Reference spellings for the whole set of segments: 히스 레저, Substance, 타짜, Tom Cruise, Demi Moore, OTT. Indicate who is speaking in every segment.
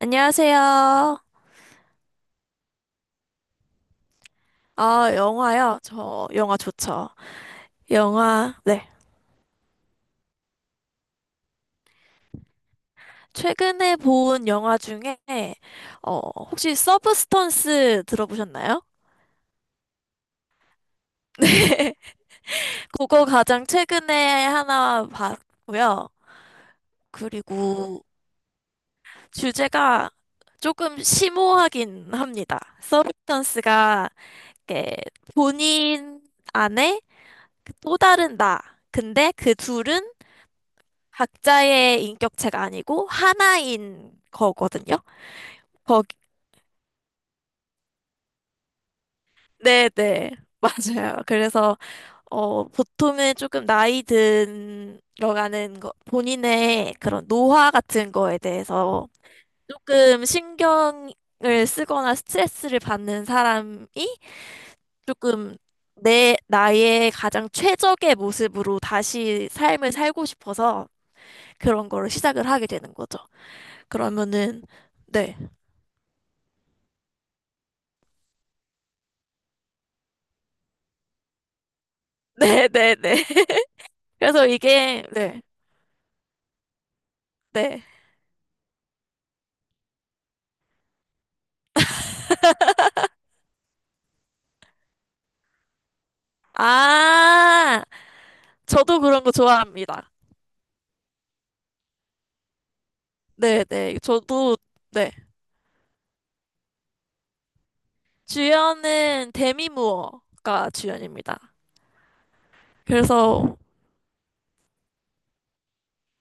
Speaker 1: 안녕하세요. 아, 영화요? 저 영화 좋죠. 영화, 네. 최근에 본 영화 중에, 어, 혹시 서브스턴스 들어보셨나요? 네. 그거 가장 최근에 하나 봤고요. 그리고 주제가 조금 심오하긴 합니다. 서브스턴스가 이렇게 본인 안에 또 다른 나. 근데 그 둘은 각자의 인격체가 아니고 하나인 거거든요. 거기, 네네, 맞아요. 그래서, 보통은 조금 나이 든 들어가는 거, 본인의 그런 노화 같은 거에 대해서 조금 신경을 쓰거나 스트레스를 받는 사람이 조금 내, 나의 가장 최적의 모습으로 다시 삶을 살고 싶어서 그런 거를 시작을 하게 되는 거죠. 그러면은, 네. 네네네. 그래서 이게, 네, 네. 아, 저도 그런 거 좋아합니다. 네네. 저도, 네. 주연은 데미 무어가 주연입니다. 그래서,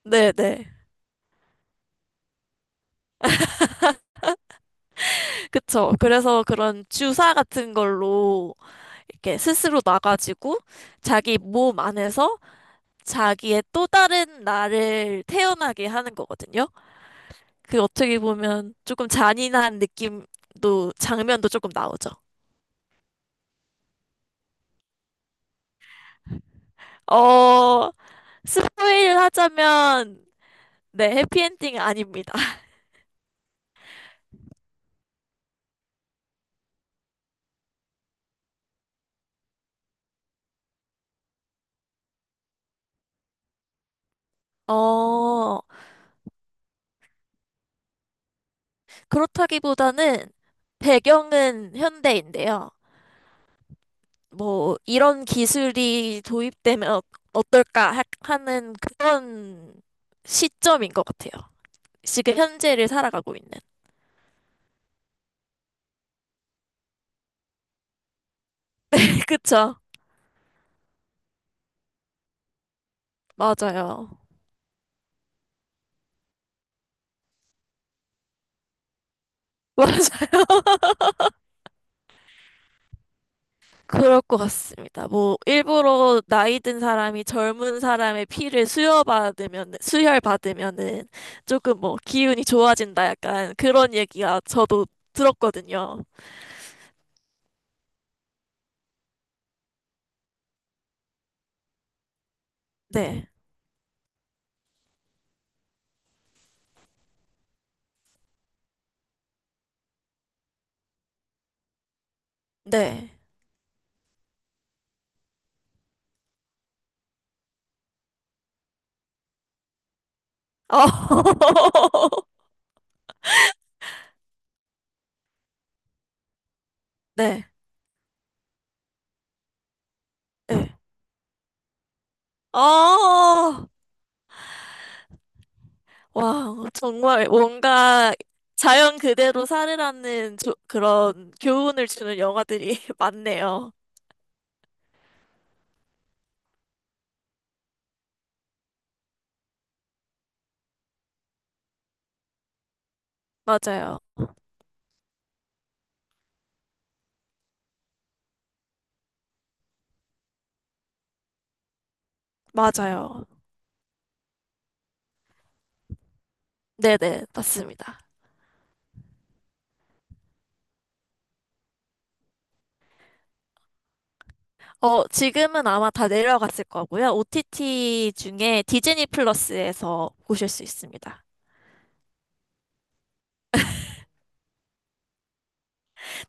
Speaker 1: 네네. 그쵸. 그래서 그런 주사 같은 걸로 이렇게 스스로 놔가지고 자기 몸 안에서 자기의 또 다른 나를 태어나게 하는 거거든요. 그 어떻게 보면 조금 잔인한 느낌도, 장면도 조금 나오죠. 어, 스포일을 하자면, 네, 해피엔딩 아닙니다. 어, 그렇다기보다는 배경은 현대인데요. 뭐, 이런 기술이 도입되면 어떨까 하는 그런 시점인 것 같아요. 지금 현재를 살아가고 있는. 그쵸? 맞아요. 맞아요. 그럴 것 같습니다. 뭐, 일부러 나이 든 사람이 젊은 사람의 피를 수혈받으면은 조금 뭐, 기운이 좋아진다 약간 그런 얘기가 저도 들었거든요. 네. 네. 아, 네. 네. 아, 와, 정말 뭔가 자연 그대로 살으라는 그런 교훈을 주는 영화들이 많네요. 맞아요. 맞아요. 네네. 맞습니다. 지금은 아마 다 내려갔을 거고요. OTT 중에 디즈니 플러스에서 보실 수 있습니다.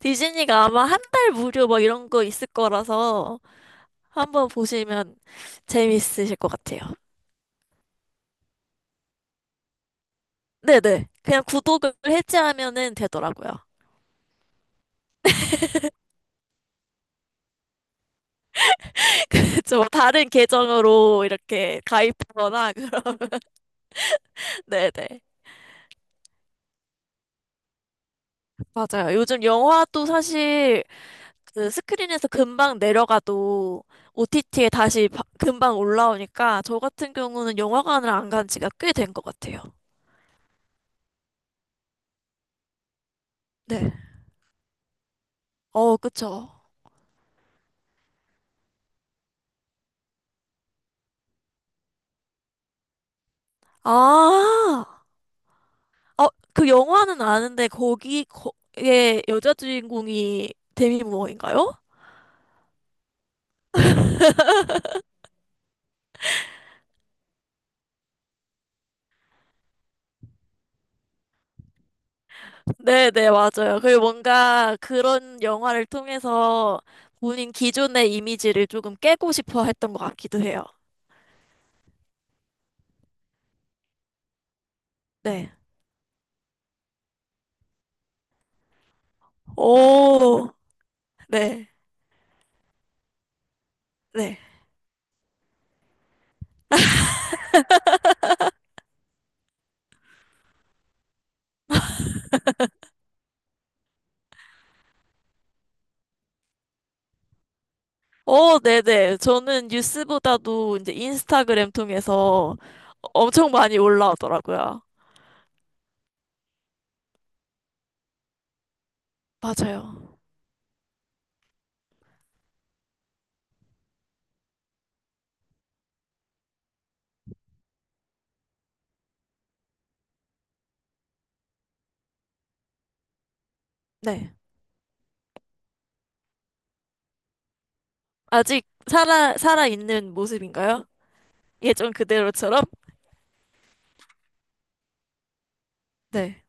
Speaker 1: 디즈니가 아마 한 달 무료 뭐 이런 거 있을 거라서 한번 보시면 재밌으실 것 같아요. 네네. 그냥 구독을 해지하면은 되더라고요. 그죠. 다른 계정으로 이렇게 가입하거나 그러면. 네네. 맞아요. 요즘 영화도 사실 그 스크린에서 금방 내려가도 OTT에 다시 금방 올라오니까 저 같은 경우는 영화관을 안 간 지가 꽤 된 것 같아요. 네. 어, 그쵸. 아, 어, 그 영화는 아는데 거기, 거기에 여자 주인공이 데미 무어인가요? 네네, 맞아요. 그 뭔가 그런 영화를 통해서 본인 기존의 이미지를 조금 깨고 싶어 했던 것 같기도 해요. 네. 오, 네, 네. 어, 네네. 저는 뉴스보다도 이제 인스타그램 통해서 엄청 많이 올라오더라고요. 맞아요. 네. 아직 살아있는 모습인가요? 예전 그대로처럼? 네.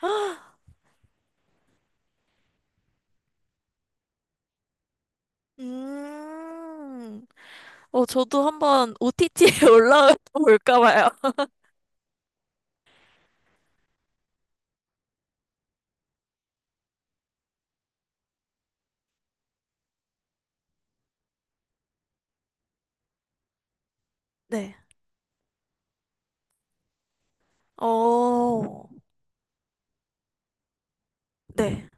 Speaker 1: 음, 어, 저도 한번 OTT에 올라올까 봐요. 네. 어, 네.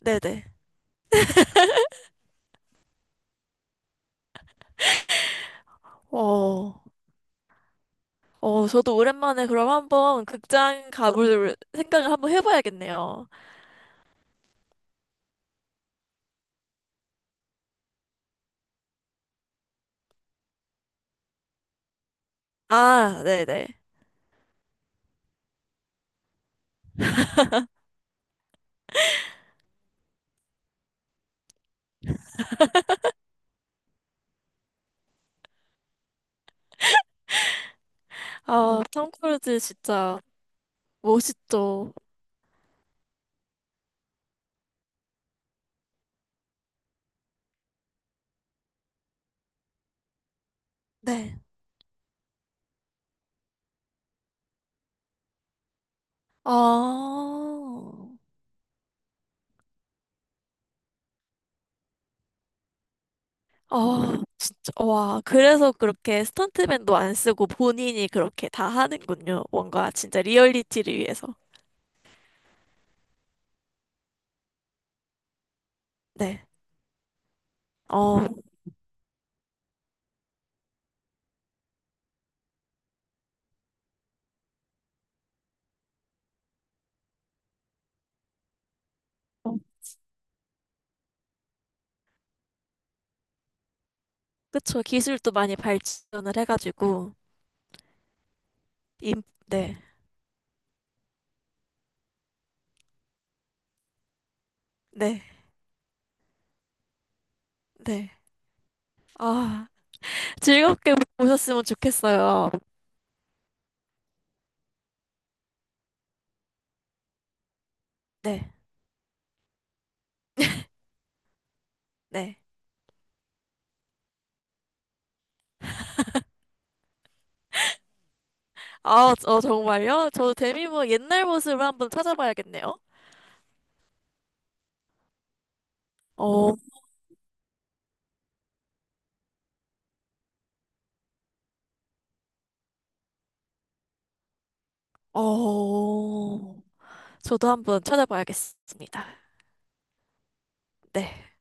Speaker 1: 네네. 어, 어, 저도 오랜만에 그럼 한번 극장 가볼 생각을 한번 해봐야겠네요. 아, 네네. 아, 톰 크루즈 진짜 멋있죠. 네. 아, 아, 진짜, 와. 그래서 그렇게 스턴트맨도 안 쓰고 본인이 그렇게 다 하는군요. 뭔가 진짜 리얼리티를 위해서. 네. 어, 그쵸. 기술도 많이 발전을 해가지고. 임, 네. 네. 네. 아, 즐겁게 보셨으면 좋겠어요. 네. 네. 아, 어, 정말요? 저 데미모 옛날 모습을 한번 찾아봐야겠네요. 어. 어, 저도 한번 찾아봐야겠습니다. 네,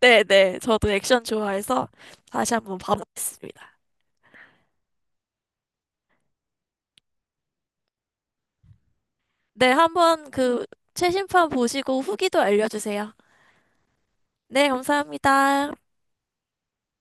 Speaker 1: 네, 네. 저도 액션 좋아해서 다시 한번 봐보겠습니다. 네, 한번 그 최신판 보시고 후기도 알려주세요. 네, 감사합니다.